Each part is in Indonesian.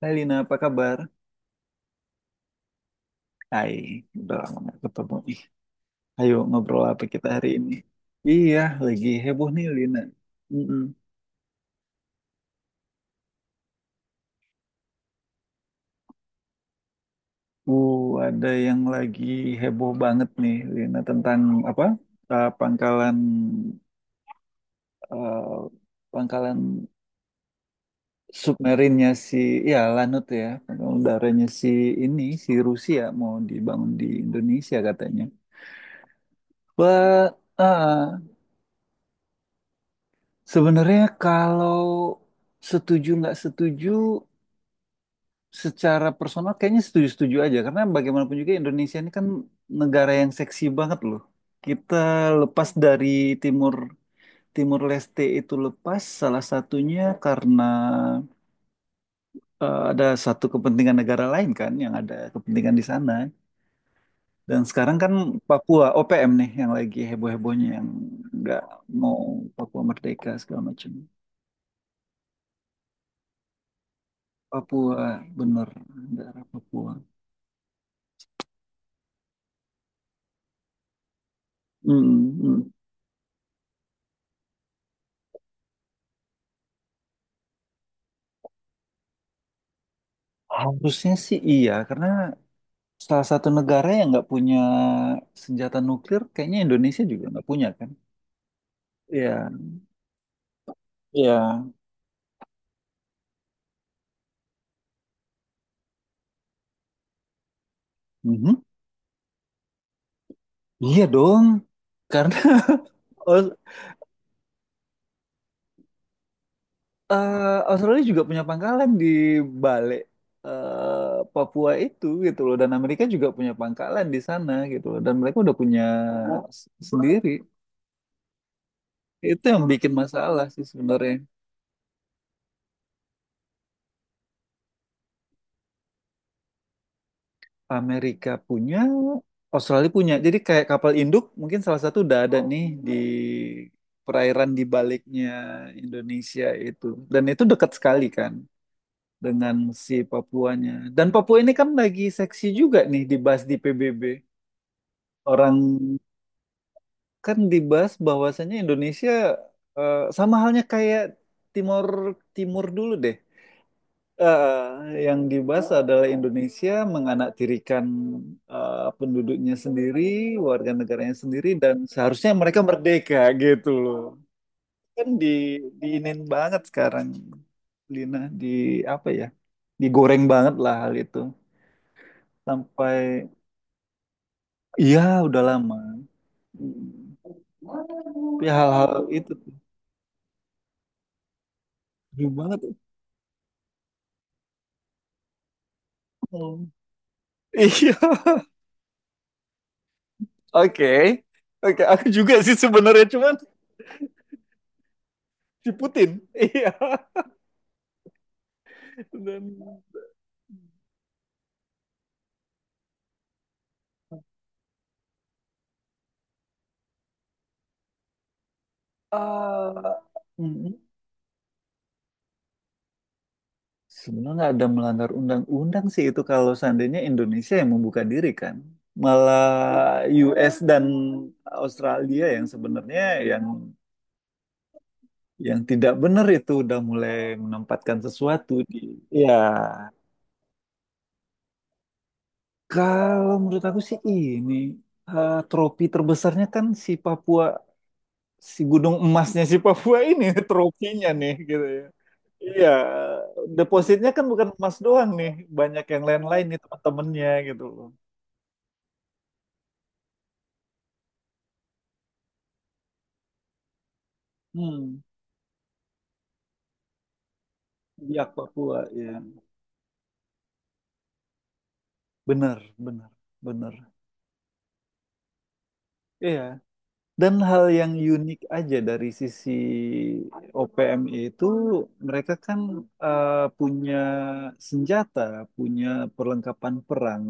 Hai Lina, apa kabar? Hai, udah lama nggak ketemu. Ih, ayo ngobrol apa kita hari ini? Iya, lagi heboh nih Lina. Mm-mm. Uh, ada yang lagi heboh banget nih Lina tentang apa? Eh, pangkalan eh, pangkalan submarinnya si, ya Lanut ya, pangkalan udaranya si ini, si Rusia mau dibangun di Indonesia katanya. Wah, ah, sebenarnya kalau setuju nggak setuju secara personal kayaknya setuju-setuju aja karena bagaimanapun juga Indonesia ini kan negara yang seksi banget loh. Kita lepas dari Timur Timur Leste, itu lepas salah satunya karena ada satu kepentingan negara lain kan yang ada kepentingan di sana. Dan sekarang kan Papua OPM nih yang lagi heboh-hebohnya yang nggak mau Papua merdeka segala macam. Papua, bener, negara Papua. Mm, mm. Harusnya sih iya karena salah satu negara yang nggak punya senjata nuklir, kayaknya Indonesia juga nggak punya kan? Iya, iya, mhm. Iya dong, karena Aus- eh, Australia juga punya pangkalan di balik Papua itu gitu loh, dan Amerika juga punya pangkalan di sana gitu loh, dan mereka udah punya sendiri. Itu yang bikin masalah sih sebenarnya. Amerika punya, Australia punya. Jadi kayak kapal induk mungkin salah satu udah ada nih di perairan di baliknya Indonesia itu. Dan itu dekat sekali kan dengan si Papuanya. Dan Papua ini kan lagi seksi juga nih dibahas di PBB. Orang kan dibahas bahwasannya Indonesia, sama halnya kayak Timur Timur dulu deh. Yang dibahas adalah Indonesia menganaktirikan penduduknya sendiri, warga negaranya sendiri, dan seharusnya mereka merdeka gitu loh. Kan diinin banget sekarang, Lina, di apa ya? Digoreng banget lah hal itu. Sampai. Iya, udah lama. Hmm. Tapi hal-hal itu tuh seru banget. Hmm. Iya, oke. Oke, aku juga sih sebenarnya cuman si Putin. Iya. Dan Eh, hmm, sebenarnya nggak ada melanggar undang-undang sih itu kalau seandainya Indonesia yang membuka diri kan. Malah US dan Australia yang sebenarnya, yang yang tidak benar itu udah mulai menempatkan sesuatu di. Ya, kalau menurut aku sih ini tropi terbesarnya kan si Papua, si gunung emasnya si Papua ini, trofinya nih gitu ya. Iya, depositnya kan bukan emas doang nih, banyak yang lain-lain nih teman-temannya gitu loh. Hmm, Biak Papua, ya. Bener, bener, bener. Iya. Dan hal yang unik aja dari sisi OPM itu mereka kan punya senjata, punya perlengkapan perang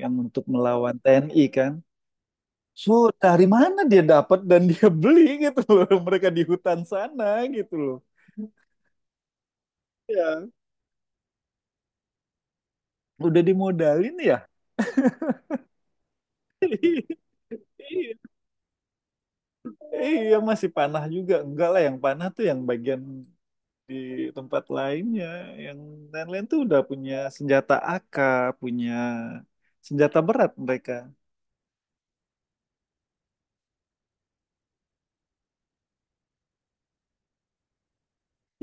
yang untuk melawan TNI kan. So, dari mana dia dapat dan dia beli gitu loh. Mereka di hutan sana gitu loh. Iya. Udah dimodalin ya. Iya, masih panah juga enggak lah yang panah tuh, yang bagian di tempat lainnya, yang lain-lain tuh udah punya senjata AK, punya senjata berat mereka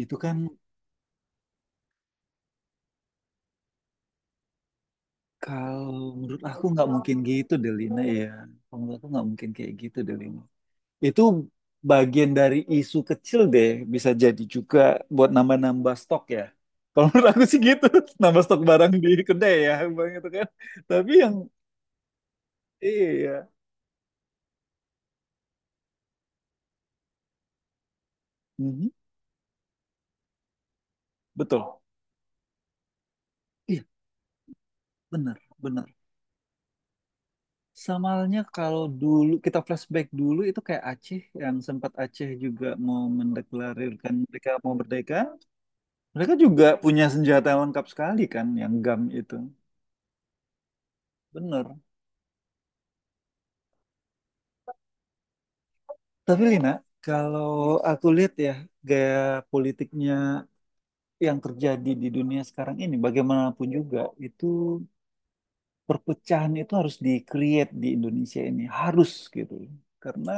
itu kan. Kalau menurut aku nggak mungkin gitu Delina ya, kalau menurut aku nggak mungkin kayak gitu Delina, itu bagian dari isu kecil deh, bisa jadi juga buat nambah-nambah stok ya, kalau menurut aku sih gitu. Nambah stok barang di kedai ya. Bang, itu kan tapi yang, iya. Mhm, betul. Iya, benar, benar. Samalnya kalau dulu kita flashback dulu itu kayak Aceh yang sempat Aceh juga mau mendeklarasikan mereka mau merdeka, mereka juga punya senjata yang lengkap sekali kan yang GAM itu. Bener. Tapi Lina, kalau aku lihat ya, gaya politiknya yang terjadi di dunia sekarang ini, bagaimanapun juga itu, perpecahan itu harus di-create di Indonesia ini, harus gitu. Karena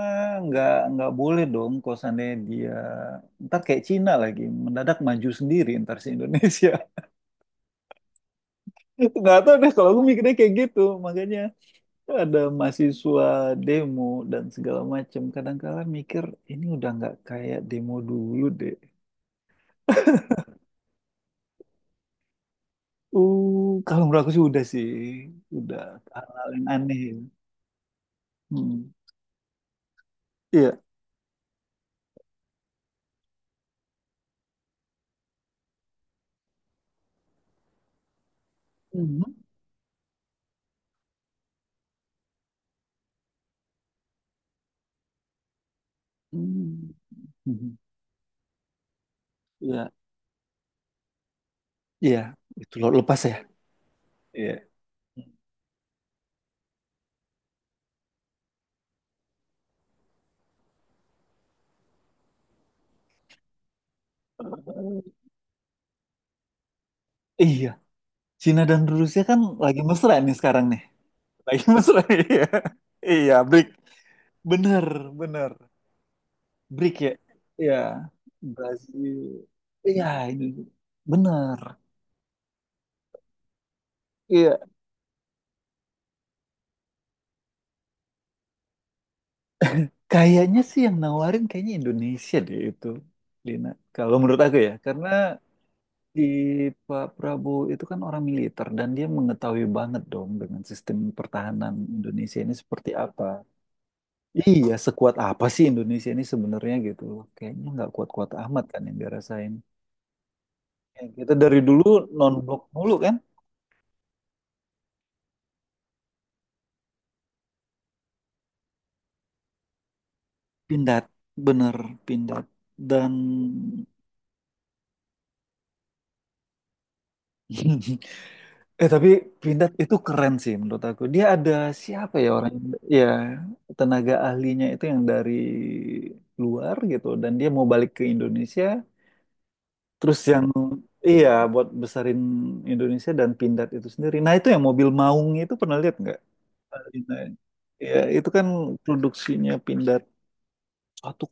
nggak boleh dong kalau seandainya dia ntar kayak Cina lagi mendadak maju sendiri ntar si Indonesia. Nggak tahu deh kalau aku mikirnya kayak gitu. Makanya ada mahasiswa demo dan segala macam. Kadang-kadang mikir ini udah nggak kayak demo dulu deh. Kalau menurut aku sih, udah hal-hal yang aneh, ya. Hmm. Iya. Mhm. Hmm. Mhm. Iya, iya, itu lepas ya. Iya. Eh, Iya, Cina dan Rusia kan lagi mesra nih sekarang nih. Lagi mesra, iya. Iya, BRIC. Bener, bener. BRIC ya. Iya, Brazil. Iya, ini bener. Iya, kayaknya sih yang nawarin kayaknya Indonesia deh itu, Lina. Kalau menurut aku ya, karena di Pak Prabowo itu kan orang militer dan dia mengetahui banget dong dengan sistem pertahanan Indonesia ini seperti apa. Iya, sekuat apa sih Indonesia ini sebenarnya gitu loh. Kayaknya nggak kuat-kuat amat kan yang dirasain. Ya, kita dari dulu non-blok mulu kan. Pindad, bener, Pindad. Dan tapi Pindad itu keren sih menurut aku. Dia ada siapa ya orang ya tenaga ahlinya itu yang dari luar gitu dan dia mau balik ke Indonesia terus yang, iya, buat besarin Indonesia dan Pindad itu sendiri. Nah itu yang mobil Maung itu pernah lihat nggak? Arina. Iya itu kan produksinya Pindad satu.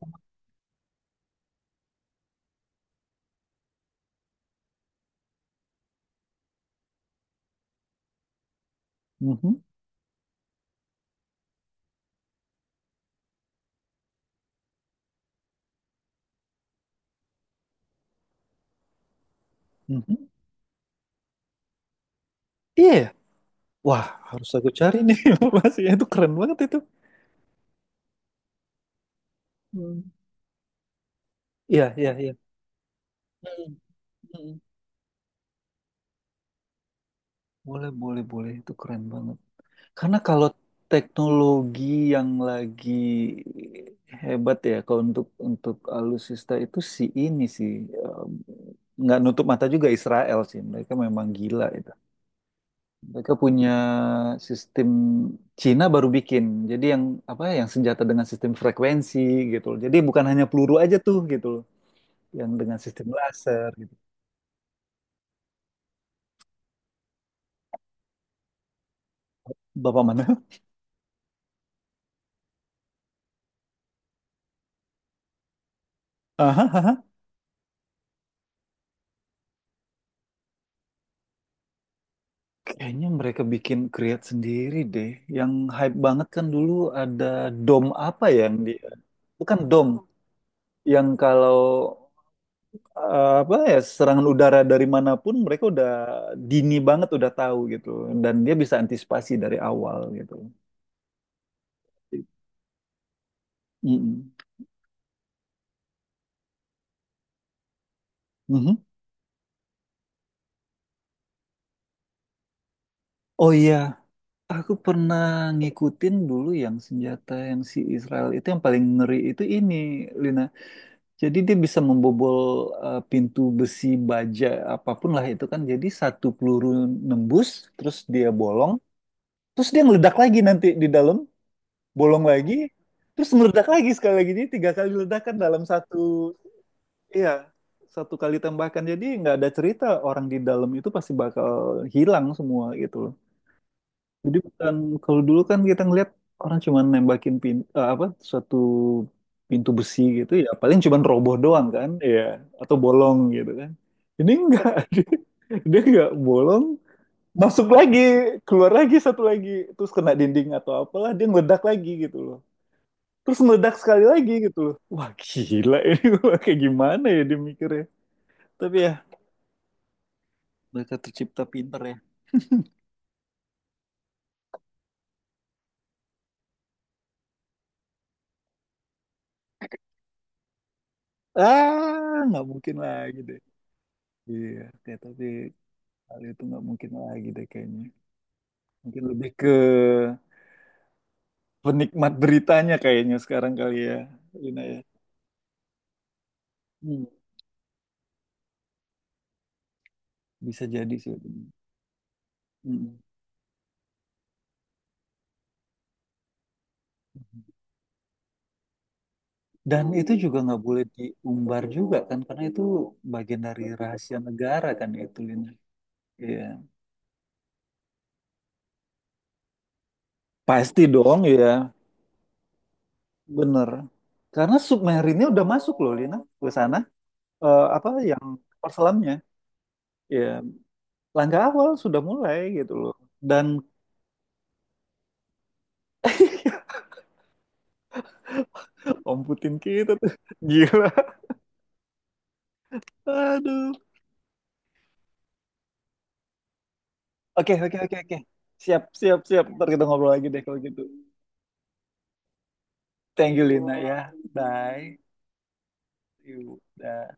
Mhm, mhm. Iya, ya? Wah, harus aku cari nih informasinya, itu keren banget itu. Hmm. Iya, iya, iya. Hmm, hmm. Boleh, boleh, boleh. Itu keren banget. Karena kalau teknologi yang lagi hebat ya, kalau untuk alutsista itu si ini sih eh, nggak nutup mata juga Israel sih. Mereka memang gila itu. Mereka punya sistem Cina baru bikin. Jadi yang apa? Ya, yang senjata dengan sistem frekuensi gitu loh. Jadi bukan hanya peluru aja tuh gitu loh. Yang dengan sistem laser gitu. Bapak mana? Kayaknya mereka bikin create sendiri deh. Yang hype banget kan dulu ada dom apa ya yang dia, bukan dom, yang kalau apa ya, serangan udara dari manapun mereka udah dini banget udah tahu gitu dan dia bisa antisipasi dari awal gitu. Mm-mm. Mhm. Oh iya, aku pernah ngikutin dulu yang senjata yang si Israel itu yang paling ngeri itu ini Lina. Jadi dia bisa membobol pintu besi baja apapun lah itu kan. Jadi satu peluru nembus, terus dia bolong, terus dia meledak lagi nanti di dalam, bolong lagi, terus meledak lagi sekali lagi. Jadi tiga kali ledakan dalam satu, iya, satu kali tembakan. Jadi nggak ada cerita orang di dalam itu pasti bakal hilang semua gitu. Jadi bukan, kalau dulu kan kita ngelihat orang cuma nembakin apa, suatu pintu besi gitu ya paling cuma roboh doang kan ya, atau bolong gitu kan. Ini enggak, dia enggak bolong, masuk lagi keluar lagi satu lagi terus kena dinding atau apalah dia meledak lagi gitu loh. Terus meledak sekali lagi gitu loh. Wah gila, ini gua kayak gimana ya dia mikirnya. Tapi ya mereka tercipta pinter ya. Ah, nggak mungkin lagi deh. Iya, kayak tapi kali itu nggak mungkin lagi deh kayaknya. Mungkin lebih ke penikmat beritanya kayaknya sekarang kali ya, Lina ya. Hmm. Bisa jadi sih. Hmm. Dan itu juga nggak boleh diumbar juga kan, karena itu bagian dari rahasia negara kan itu, Lina. Iya. Pasti dong ya, bener. Karena submarinnya udah masuk loh, Lina, ke sana. Apa yang perselamnya. Ya, langkah awal sudah mulai gitu loh. Dan Om Putin kita tuh gila. Aduh. Oke, oke, oke, oke. Siap, siap, siap. Ntar kita ngobrol lagi deh kalau gitu. Thank you, Lina ya. Bye. You. Dah.